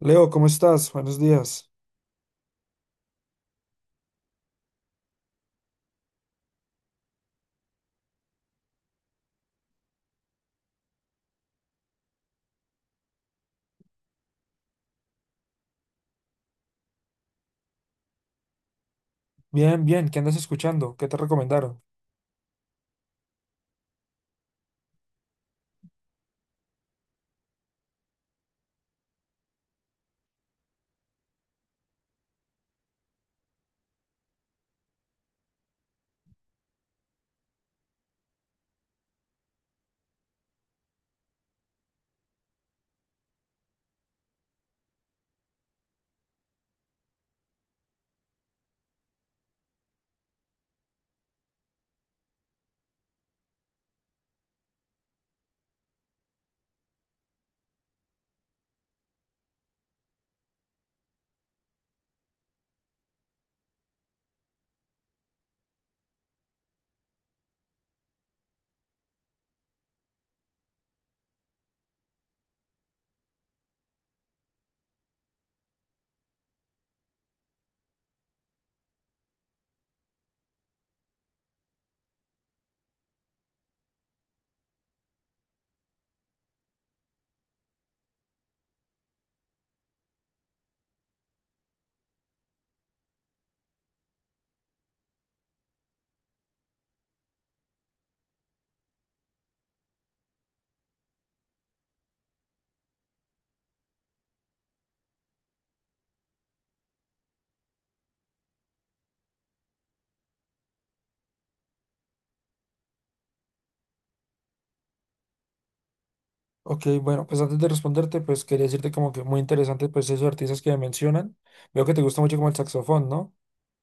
Leo, ¿cómo estás? Buenos días. Bien, bien, ¿qué andas escuchando? ¿Qué te recomendaron? Ok, bueno, pues antes de responderte, pues quería decirte como que muy interesante pues esos artistas que me mencionan. Veo que te gusta mucho como el saxofón, ¿no?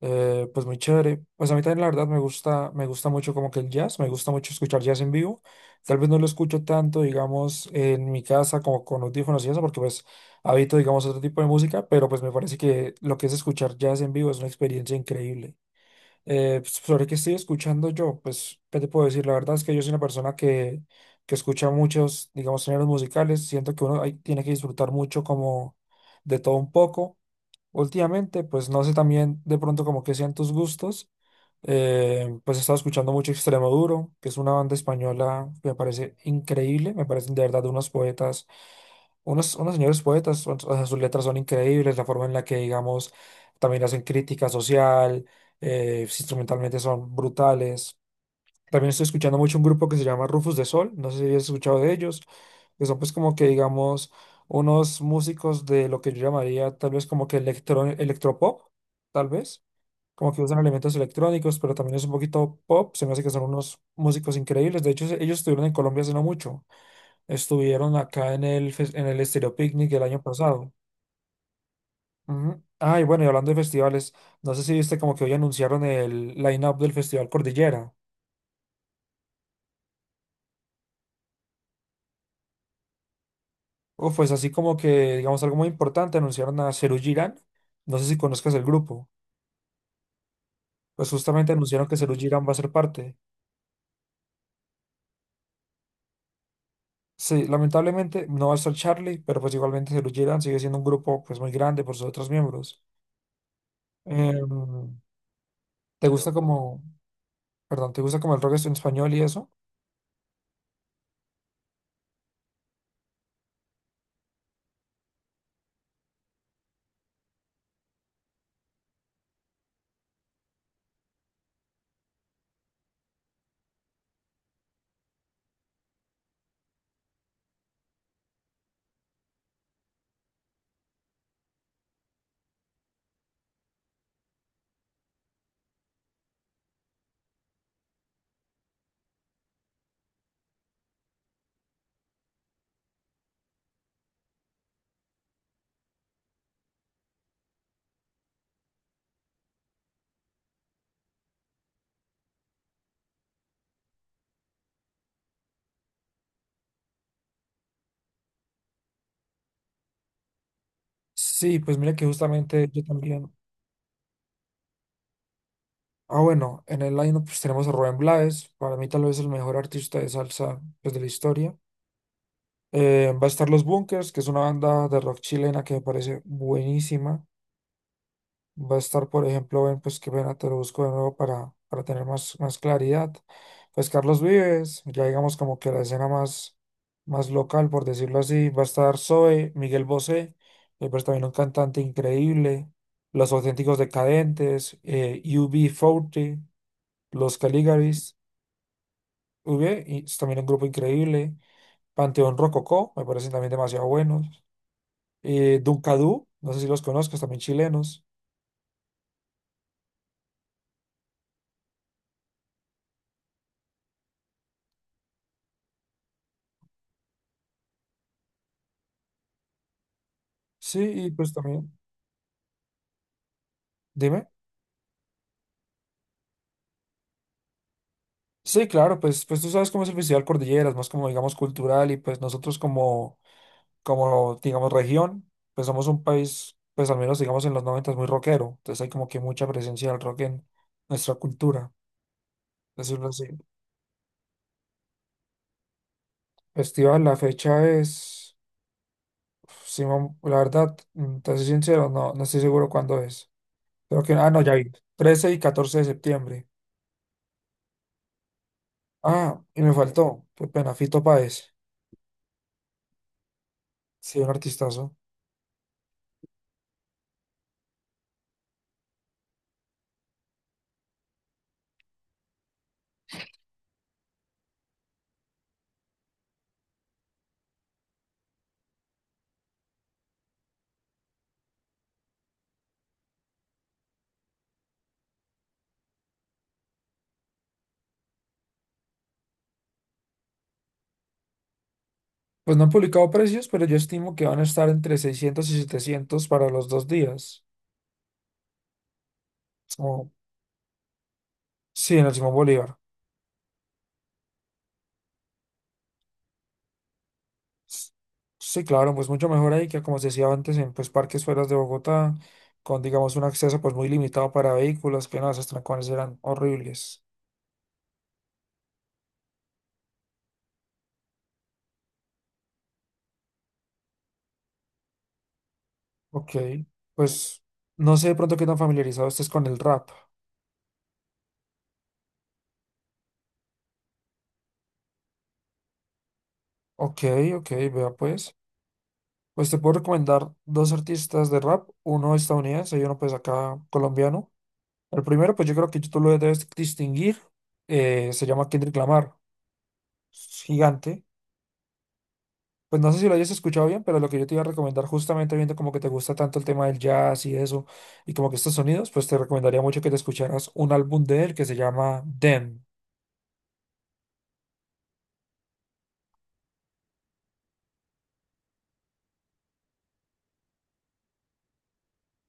Pues muy chévere. Pues a mí también la verdad me gusta mucho como que el jazz, me gusta mucho escuchar jazz en vivo. Tal vez no lo escucho tanto, digamos, en mi casa como con audífonos y eso, porque pues habito, digamos, otro tipo de música, pero pues me parece que lo que es escuchar jazz en vivo es una experiencia increíble. Pues, sobre qué estoy escuchando yo, pues, ¿qué te puedo decir? La verdad es que yo soy una persona que escucha muchos, digamos, géneros musicales. Siento que uno tiene que disfrutar mucho como de todo un poco. Últimamente, pues, no sé también de pronto como que sean tus gustos. Pues he estado escuchando mucho Extremoduro, que es una banda española que me parece increíble. Me parecen de verdad unos poetas, unos señores poetas, o sea, sus letras son increíbles, la forma en la que, digamos, también hacen crítica social, instrumentalmente son brutales. También estoy escuchando mucho un grupo que se llama Rufus de Sol, no sé si has escuchado de ellos, que son pues como que, digamos, unos músicos de lo que yo llamaría tal vez como que electro, electropop, tal vez. Como que usan elementos electrónicos, pero también es un poquito pop. Se me hace que son unos músicos increíbles. De hecho, ellos estuvieron en Colombia hace no mucho. Estuvieron acá en el, en el Estéreo Picnic el año pasado. Ujú. Ah, y bueno, y hablando de festivales, no sé si viste como que hoy anunciaron el line-up del Festival Cordillera. O pues así como que, digamos, algo muy importante, anunciaron a Serú Girán. No sé si conozcas el grupo. Pues justamente anunciaron que Serú Girán va a ser parte. Sí, lamentablemente no va a estar Charlie, pero pues igualmente Serú Girán sigue siendo un grupo pues muy grande por sus otros miembros. Em, ¿Te gusta como, perdón, te gusta como el rock en español y eso? Sí, pues mira que justamente yo también. Ah, bueno, en el line pues, tenemos a Rubén Blades, para mí tal vez el mejor artista de salsa pues, de la historia. Va a estar Los Bunkers, que es una banda de rock chilena que me parece buenísima. Va a estar, por ejemplo, ven, pues que pena, te lo busco de nuevo para tener más claridad. Pues Carlos Vives, ya digamos como que la escena más local, por decirlo así. Va a estar Zoe, Miguel Bosé, pues también un cantante increíble. Los Auténticos Decadentes, U B 40, Los Caligaris. V, y es también un grupo increíble. Panteón Rococó, me parecen también demasiado buenos. Dunkadú, no sé si los conozcas, también chilenos. Sí, y pues también, dime. Sí, claro, pues, pues tú sabes cómo es el Festival Cordilleras, más como digamos cultural y pues nosotros como digamos región, pues somos un país, pues al menos digamos en los noventas muy rockero, entonces hay como que mucha presencia del rock en nuestra cultura, decirlo así. Festival, la fecha es, uf, sí, la verdad, te soy sincero, no, no estoy seguro cuándo es. Creo que, ah, no, ya vi. 13 y 14 de septiembre. Ah, y me faltó. Qué pena, Fito Páez. Sí, un artistazo. Pues no han publicado precios, pero yo estimo que van a estar entre 600 y 700 para los 2 días. Como, sí, en el Simón Bolívar. S- Sí, claro, pues mucho mejor ahí que, como se decía antes, en pues, parques fuera de Bogotá, con, digamos, un acceso pues muy limitado para vehículos, que no, esos trancones eran horribles. Ok, pues no sé de pronto qué tan familiarizado estés con el rap. Ok, ok, vea pues. Pues te puedo recomendar dos artistas de rap, uno estadounidense y uno pues acá colombiano. El primero, pues yo creo que tú lo debes distinguir, se llama Kendrick Lamar, es gigante. Pues no sé si lo hayas escuchado bien, pero lo que yo te iba a recomendar, justamente viendo como que te gusta tanto el tema del jazz y eso, y como que estos sonidos, pues te recomendaría mucho que te escucharas un álbum de él que se llama Them.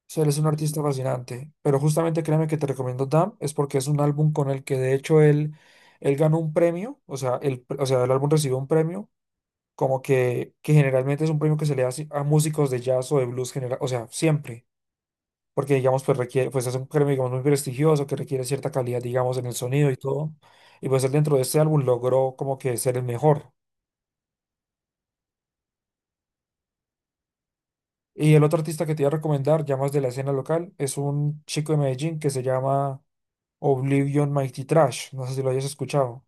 Sí, él es un artista fascinante, pero justamente créeme que te recomiendo Damn, es porque es un álbum con el que de hecho él, él ganó un premio, o sea, o sea, el álbum recibió un premio, como que generalmente es un premio que se le hace a músicos de jazz o de blues general, o sea, siempre, porque digamos, pues requiere, pues es un premio, digamos, muy prestigioso, que requiere cierta calidad, digamos, en el sonido y todo, y pues él dentro de este álbum logró como que ser el mejor. Y el otro artista que te iba a recomendar, ya más de la escena local, es un chico de Medellín que se llama... Oblivion Mighty Trash. No sé si lo hayas escuchado.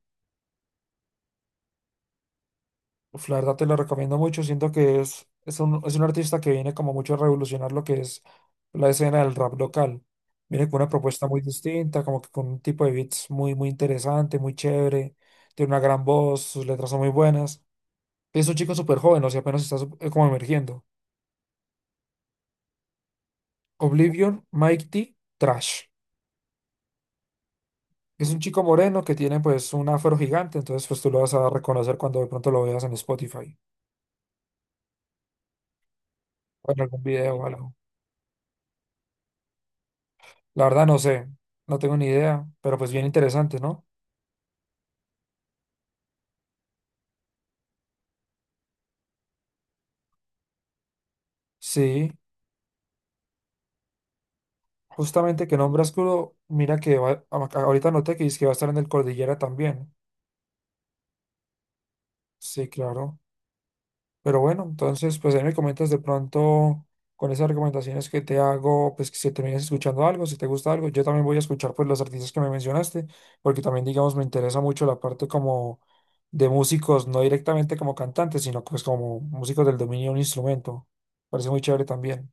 Uf, la verdad te lo recomiendo mucho. Siento que es un artista que viene como mucho a revolucionar lo que es la escena del rap local. Viene con una propuesta muy distinta, como que con un tipo de beats muy, muy interesante, muy chévere. Tiene una gran voz, sus letras son muy buenas. Es un chico súper joven, o sea, apenas está como emergiendo. Oblivion Mighty Trash. Es un chico moreno que tiene pues un afro gigante, entonces pues tú lo vas a reconocer cuando de pronto lo veas en Spotify o en algún video o algo. La verdad no sé, no tengo ni idea, pero pues bien interesante, ¿no? Sí, justamente que nombras Curo, mira que ahorita noté que dice que va a estar en el Cordillera también. Sí, claro. Pero bueno, entonces pues ahí me comentas de pronto con esas recomendaciones que te hago, pues que si terminas escuchando algo, si te gusta algo, yo también voy a escuchar pues los artistas que me mencionaste, porque también digamos me interesa mucho la parte como de músicos, no directamente como cantantes, sino pues como músicos del dominio de un instrumento. Parece muy chévere también.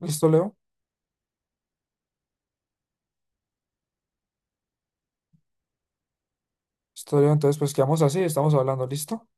¿Listo, Leo? Estoy bien, entonces pues quedamos así, estamos hablando, ¿listo?